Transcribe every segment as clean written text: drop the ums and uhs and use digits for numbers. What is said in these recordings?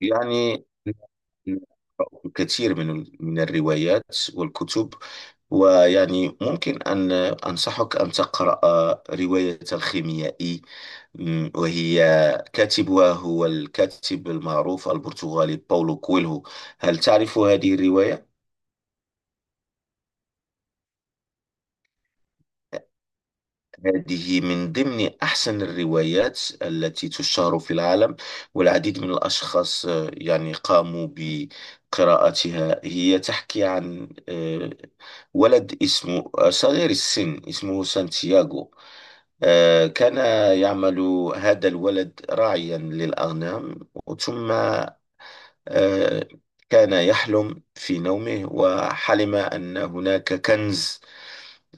يعني قرأت الكثير من الروايات والكتب، ويعني ممكن أن أنصحك أن تقرأ رواية الخيميائي. وهي كاتبها هو الكاتب المعروف البرتغالي باولو كويلهو. هل تعرف هذه الرواية؟ هذه من ضمن أحسن الروايات التي تشتهر في العالم، والعديد من الأشخاص يعني قاموا بقراءتها. هي تحكي عن ولد اسمه، صغير السن، اسمه سانتياغو. كان يعمل هذا الولد راعيا للأغنام. ثم آه، كان يحلم في نومه، وحلم أن هناك كنز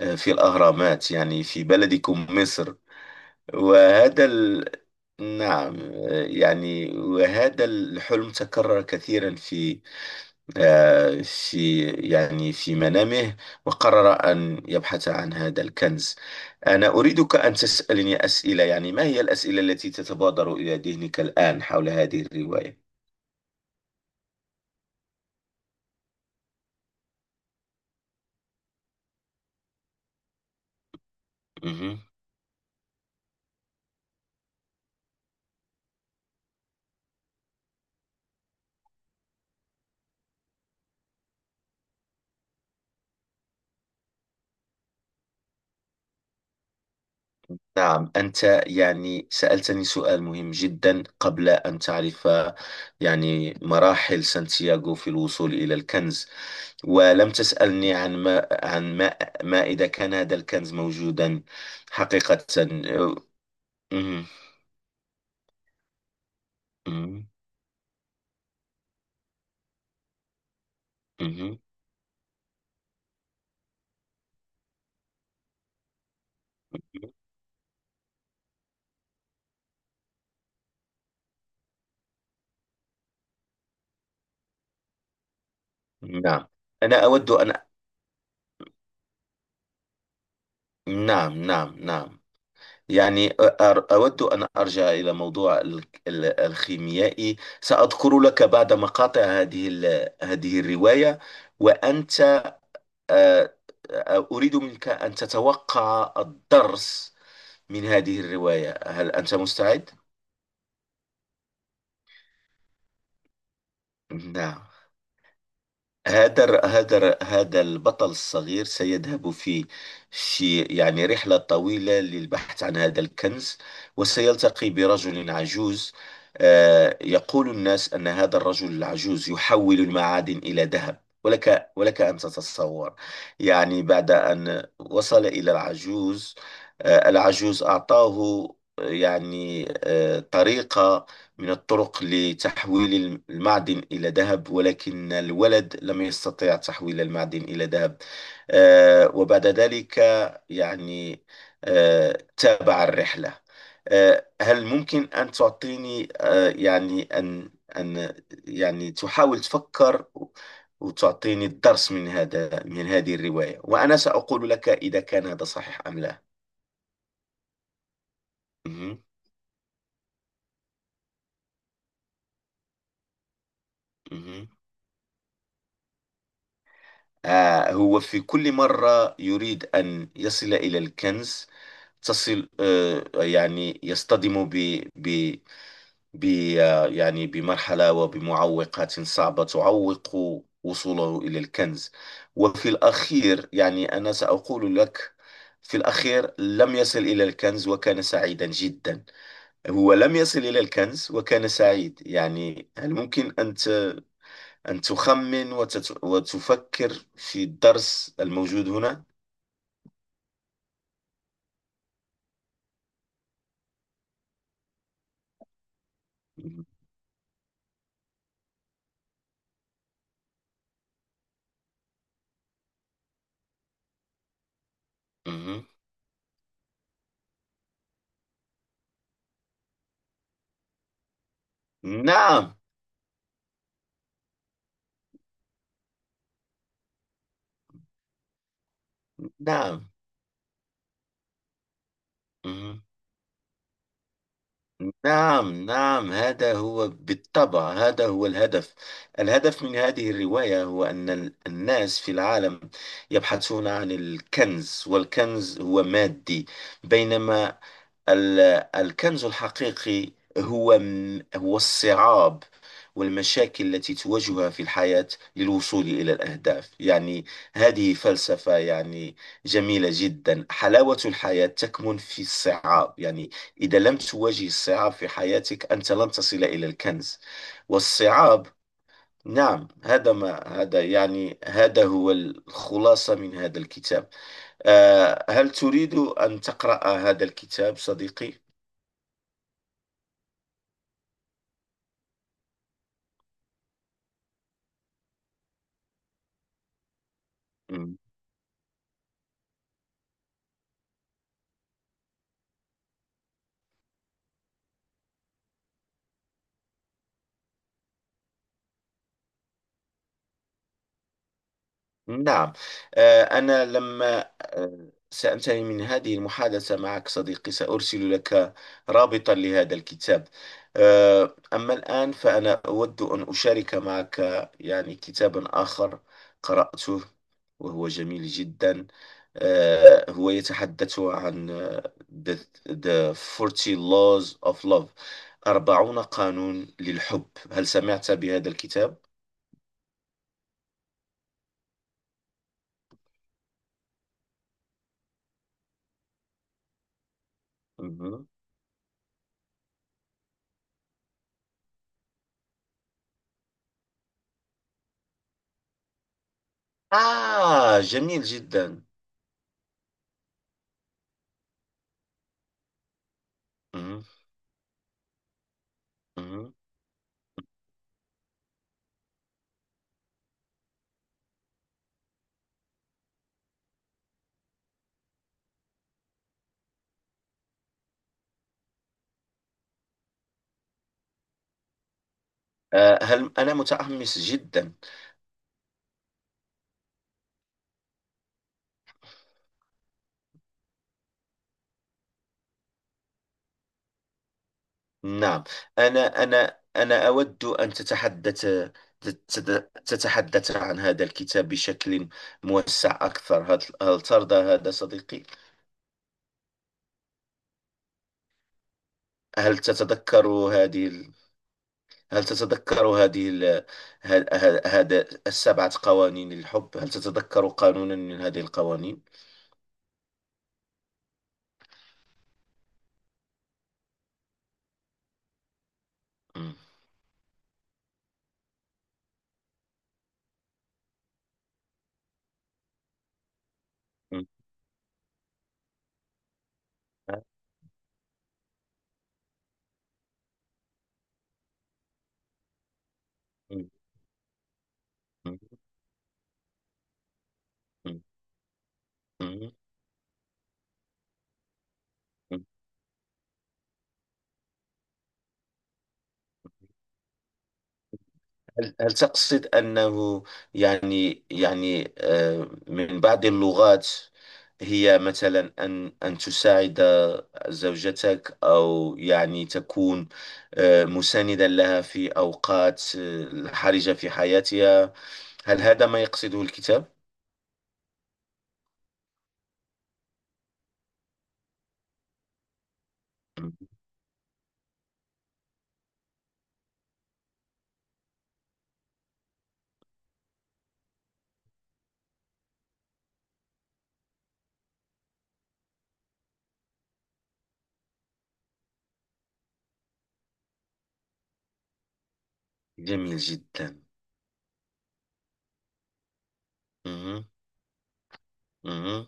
في الأهرامات، يعني في بلدكم مصر. وهذا ال... نعم. يعني وهذا الحلم تكرر كثيرا في آه، في يعني في منامه، وقرر أن يبحث عن هذا الكنز. أنا أريدك أن تسألني أسئلة، يعني ما هي الأسئلة التي تتبادر إلى ذهنك الآن حول هذه الرواية؟ مهم. نعم، أنت يعني سألتني سؤال مهم جدا. قبل أن تعرف يعني مراحل سانتياغو في الوصول إلى الكنز، ولم تسألني عن ما عن ما ما إذا كان هذا الكنز موجودا حقيقة. مهم. مهم. مهم. نعم. أنا أود أن نعم، نعم، نعم، يعني أود أن أرجع إلى موضوع الخيميائي. سأذكر لك بعد مقاطع هذه هذه الرواية، وأنت آه، أريد منك أن تتوقع الدرس من هذه الرواية. هل أنت مستعد؟ نعم. هذا البطل الصغير سيذهب في رحلة طويلة للبحث عن هذا الكنز، وسيلتقي برجل عجوز. يقول الناس أن هذا الرجل العجوز يحول المعادن إلى ذهب، ولك ولك أن تتصور. يعني بعد أن وصل إلى العجوز، العجوز أعطاه طريقة من الطرق لتحويل المعدن إلى ذهب، ولكن الولد لم يستطع تحويل المعدن إلى ذهب. وبعد ذلك يعني تابع الرحلة. هل ممكن أن تعطيني، يعني أن أن يعني تحاول تفكر وتعطيني الدرس من هذا من هذه الرواية، وأنا سأقول لك إذا كان هذا صحيح أم لا. مهم. مهم. آه، هو في كل مرة يريد أن يصل إلى الكنز تصل آه يعني يصطدم ب ب ب آه يعني بمرحلة وبمعوقات صعبة تعوق وصوله إلى الكنز. وفي الأخير، يعني أنا سأقول لك، في الأخير لم يصل إلى الكنز وكان سعيدا جدا. هو لم يصل إلى الكنز وكان سعيد، يعني هل ممكن أنت أن تخمن وتفكر في الدرس الموجود هنا؟ مهم. نعم، نعم. مهم. نعم، نعم، هذا هو بالطبع، هذا هو الهدف. الهدف من هذه الرواية هو أن الناس في العالم يبحثون عن الكنز، والكنز هو مادي، بينما ال- الكنز الحقيقي هو الصعاب والمشاكل التي تواجهها في الحياة للوصول إلى الأهداف. يعني هذه فلسفة، يعني جميلة جدا. حلاوة الحياة تكمن في الصعاب، يعني إذا لم تواجه الصعاب في حياتك أنت لن تصل إلى الكنز والصعاب. نعم، هذا ما، هذا يعني، هذا هو الخلاصة من هذا الكتاب. هل تريد أن تقرأ هذا الكتاب صديقي؟ مم. نعم. أنا لما سأنتهي من هذه المحادثة معك صديقي سأرسل لك رابطا لهذا الكتاب. أما الآن فأنا أود أن أشارك معك يعني كتابا آخر قرأته، وهو جميل جدا. هو يتحدث عن the, the 40 laws of love، 40 قانون للحب. هل سمعت بهذا الكتاب؟ مهم. آه، جميل جدا. مم. مم. آه، هل أنا متحمس جدا. نعم. أنا أود أن تتحدث، تتحدث عن هذا الكتاب بشكل موسع أكثر. هل ترضى هذا صديقي؟ هل تتذكر هذه ال- هل تتذكر هذه ال- هذا السبعة قوانين للحب؟ هل تتذكر قانونا من هذه القوانين؟ مم. مم. مم. مم. مم. مم. هل تقصد أنه، يعني من بعض اللغات، هي مثلا أن تساعد زوجتك، أو يعني تكون مساندا لها في أوقات حرجة في حياتها. هل هذا ما يقصده الكتاب؟ مم. جميل جدا. مم. مم.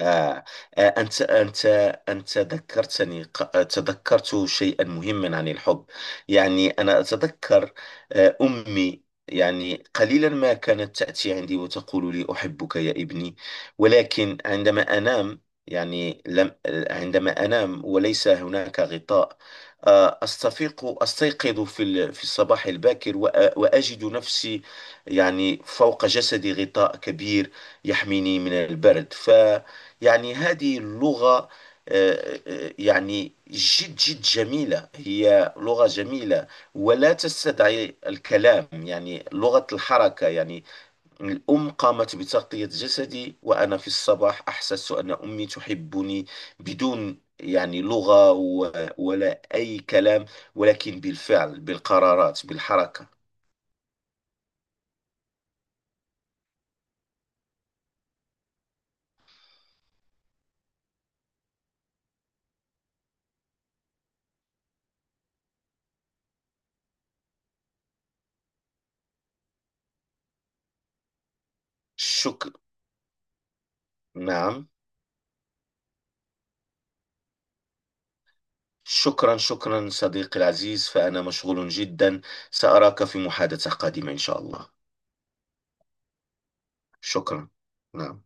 آه. آه. أنت ذكرتني، تذكرت شيئا مهما عن الحب. يعني أنا أتذكر، أمي يعني قليلا ما كانت تأتي عندي وتقول لي أحبك يا ابني، ولكن عندما أنام يعني لم عندما أنام وليس هناك غطاء، أستفيق أستيقظ في الصباح الباكر، وأجد نفسي، يعني، فوق جسدي غطاء كبير يحميني من البرد. يعني هذه اللغة، يعني جد جد جميلة، هي لغة جميلة ولا تستدعي الكلام، يعني لغة الحركة، يعني الأم قامت بتغطية جسدي، وأنا في الصباح أحسست أن أمي تحبني، بدون يعني لغة ولا أي كلام، ولكن بالفعل، بالقرارات، بالحركة. شكر نعم. شكرا، شكرا صديقي العزيز، فأنا مشغول جدا، سأراك في محادثة قادمة إن شاء الله. شكرا. نعم.